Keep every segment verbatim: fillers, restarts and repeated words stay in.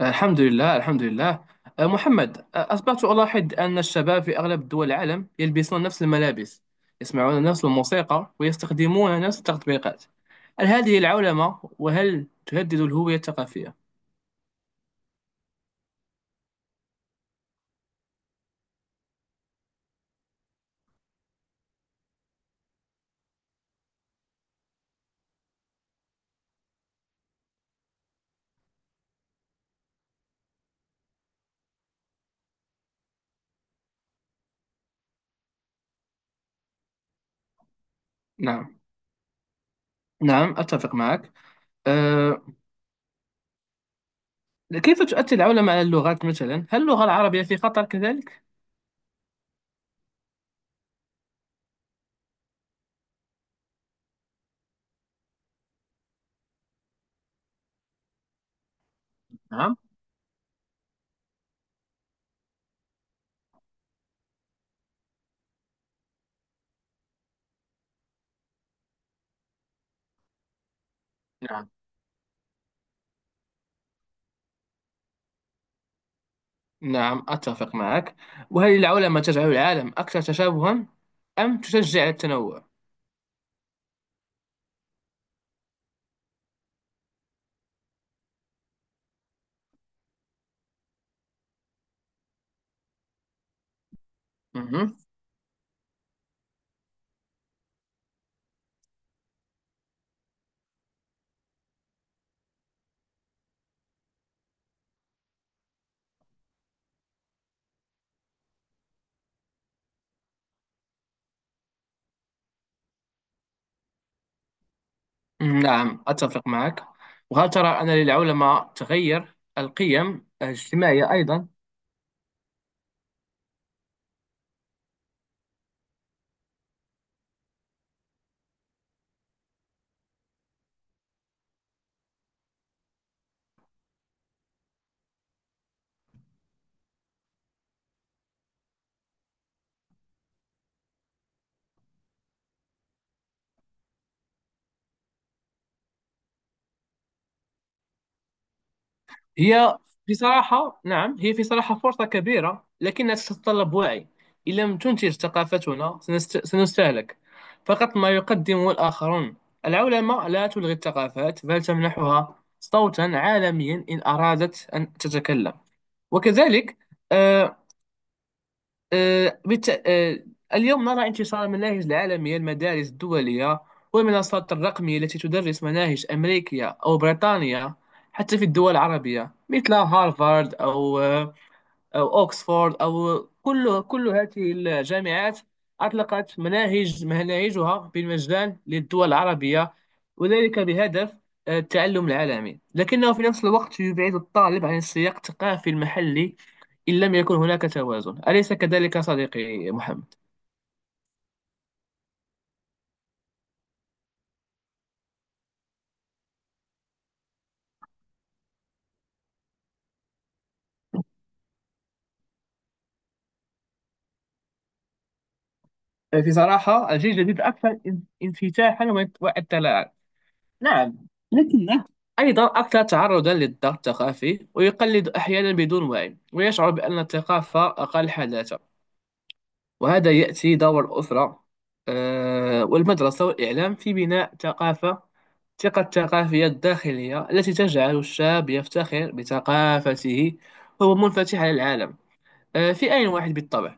الحمد لله الحمد لله. آه، محمد، آه، أصبحت ألاحظ أن الشباب في أغلب دول العالم يلبسون نفس الملابس، يسمعون نفس الموسيقى ويستخدمون نفس التطبيقات. هل هذه العولمة وهل تهدد الهوية الثقافية؟ نعم، نعم أتفق معك. أه كيف تؤثر العولمة على اللغات مثلا؟ هل اللغة العربية في خطر كذلك؟ نعم. نعم نعم أتفق معك. وهل العولمة تجعل العالم أكثر تشابها أم تشجع على التنوع؟ مهم. نعم أتفق معك. وهل ترى أن للعلماء تغير القيم الاجتماعية أيضا؟ هي في صراحة، نعم، هي في صراحة فرصة كبيرة لكنها تتطلب وعي. إن لم تنتج ثقافتنا سنست... سنستهلك فقط ما يقدمه الآخرون. العلماء لا تلغي الثقافات بل تمنحها صوتا عالميا إن أرادت أن تتكلم. وكذلك، آه، آه، بت... آه، اليوم نرى انتشار المناهج العالمية، المدارس الدولية والمنصات الرقمية التي تدرس مناهج أمريكية أو بريطانية حتى في الدول العربية، مثل هارفارد، أو آه، أو أوكسفورد أو كل كل هذه الجامعات أطلقت مناهج مناهجها بالمجان للدول العربية، وذلك بهدف آه، التعلم العالمي. لكنه في نفس الوقت يبعد الطالب عن السياق الثقافي المحلي إن لم يكن هناك توازن، أليس كذلك صديقي محمد؟ في صراحة الجيل الجديد أكثر ان- انفتاحا واطلاعا. نعم. أيضا أكثر تعرضا للضغط الثقافي ويقلد أحيانا بدون وعي ويشعر بأن الثقافة أقل حداثة. وهذا يأتي دور الأسرة آه، والمدرسة والإعلام في بناء ثقافة ثقة الثقافية الداخلية التي تجعل الشاب يفتخر بثقافته وهو منفتح على العالم آه، في آن واحد بالطبع.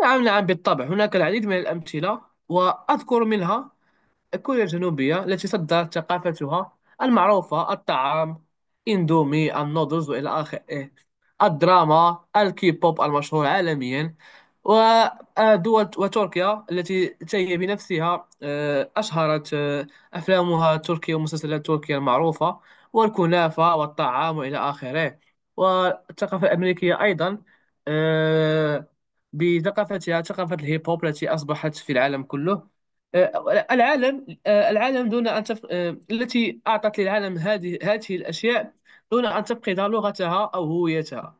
نعم، نعم بالطبع هناك العديد من الأمثلة. وأذكر منها كوريا الجنوبية التي صدرت ثقافتها المعروفة: الطعام، إندومي، النودلز وإلى آخره، الدراما، الكيبوب المشهور عالميا، ودول، وتركيا التي هي بنفسها آه، أشهرت آه، أفلامها التركية ومسلسلات تركيا المعروفة والكنافة والطعام وإلى آخره. والثقافة الأمريكية أيضا آه، بثقافتها، ثقافة الهيب هوب التي أصبحت في العالم كله، آه، العالم آه، العالم دون أن تف... آه، التي أعطت للعالم هذه هذه الأشياء دون أن تفقد لغتها أو هويتها.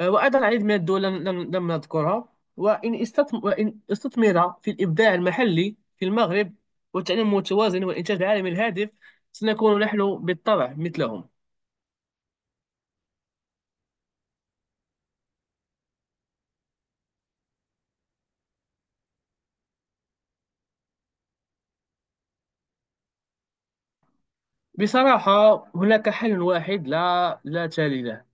آه، وأيضا العديد من الدول لم, لم لم نذكرها، وإن استثم... وإن استثمر في الإبداع المحلي في المغرب والتعليم المتوازن والإنتاج العالمي الهادف، سنكون نحن بالطبع مثلهم. بصراحة هناك حل واحد لا لا تالي له،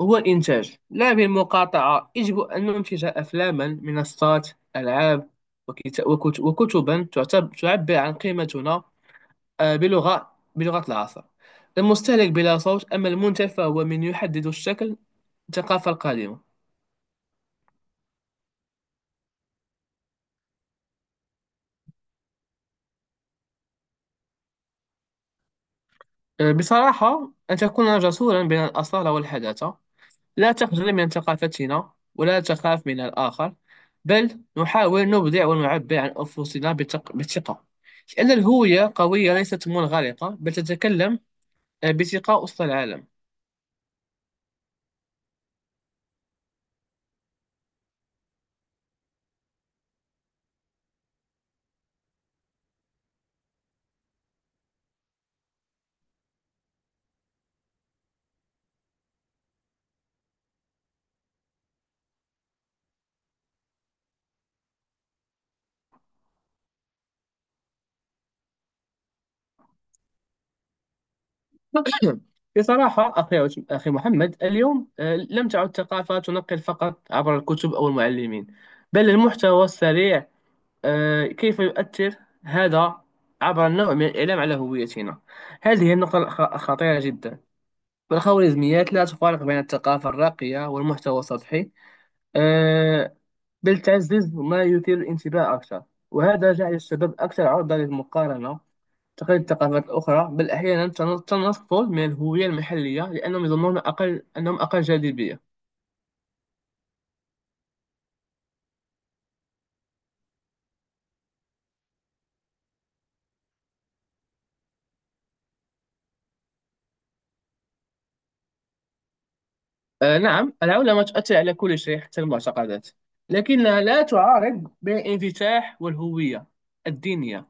هو الإنتاج لا بالمقاطعة. يجب أن ننتج أفلاما، منصات، ألعاب وكت- وكت- وكتبا تعتب- تعبر عن قيمتنا آه، بلغة بلغة العصر. المستهلك بلا صوت، أما المنتج فهو من يحدد الشكل، الثقافة القادمة. آه، بصراحة أن تكون جسورا بين الأصالة والحداثة، لا تخجل من ثقافتنا ولا تخاف من الآخر، بل نحاول نبدع ونعبر عن أنفسنا بتق... بثقة، لأن الهوية قوية ليست منغلقة بل تتكلم آه، بثقة وسط العالم. بصراحة أخي أخي محمد، اليوم آه، لم تعد الثقافة تنقل فقط عبر الكتب أو المعلمين، بل المحتوى السريع. آه، كيف يؤثر هذا عبر النوع من الإعلام على هويتنا؟ هذه النقطة الخ- خطيرة جدا. والخوارزميات لا تفارق بين الثقافة الراقية والمحتوى السطحي، آه، بل تعزز ما يثير الانتباه أكثر. وهذا جعل الشباب أكثر عرضة للمقارنة، تقليد الثقافات الأخرى، بل أحيانا تن- تنصل من الهوية المحلية لأنهم يظنون أقل أنهم أقل جاذبية. آه، نعم، العولمة تؤثر على كل شيء حتى المعتقدات. لكنها لا تعارض بين الانفتاح والهوية الدينية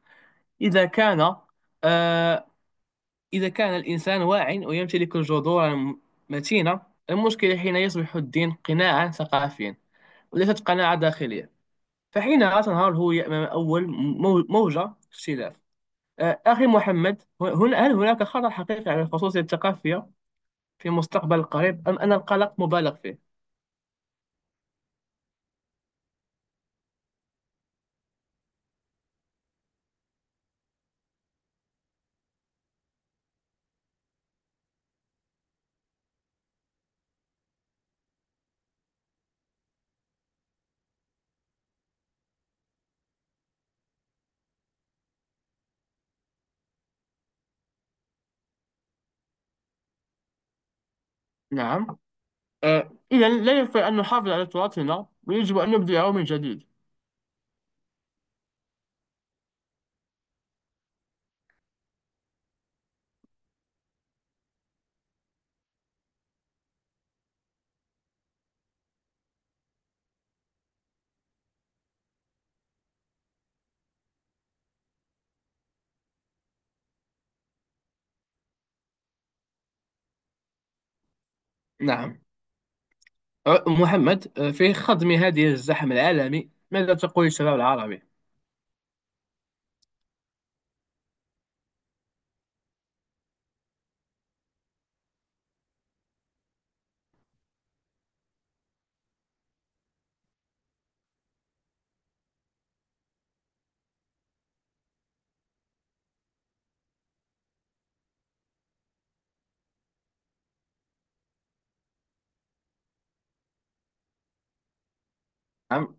إذا كان آه، إذا كان الإنسان واعٍ ويمتلك جذورا متينة. المشكلة حين يصبح الدين قناعا ثقافيا وليست قناعة داخلية، فحينها تنهار الهوية أمام أول مو- موجة اختلاف. آه، أخي محمد، هنا هل هناك خطر حقيقي على الخصوصية الثقافية في المستقبل القريب أم أن القلق مبالغ فيه؟ نعم. آه، إذا لا يكفي أن نحافظ على تراثنا ويجب أن نبدأه من جديد. نعم. آه، محمد، آه، في خضم هذه الزحم العالمي ماذا تقول الشباب العربي؟ نعم،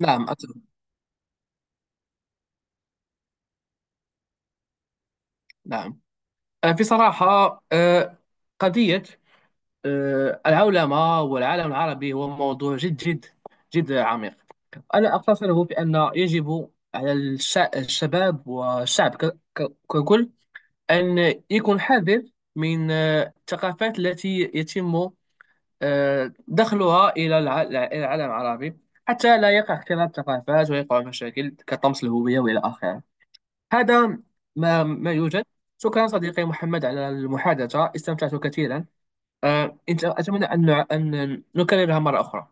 نعم أتفق. نعم، أنا في صراحة آه، قضية آه، العولمة والعالم العربي هو موضوع جد جد جد عميق. أنا أقتصره بأن يجب على الش- الشباب والشعب ك- ك- ككل أن يكون حذر من آه، الثقافات التي يتم آه، دخلها إلى الع- إلى العالم العربي حتى لا يقع اختلاط ثقافات ويقع مشاكل كطمس الهوية وإلى آخره. هذا ما ما يوجد. شكرا صديقي محمد على المحادثة، استمتعت كثيرا. آه، إنت- أتمنى أن أن نكررها مرة أخرى.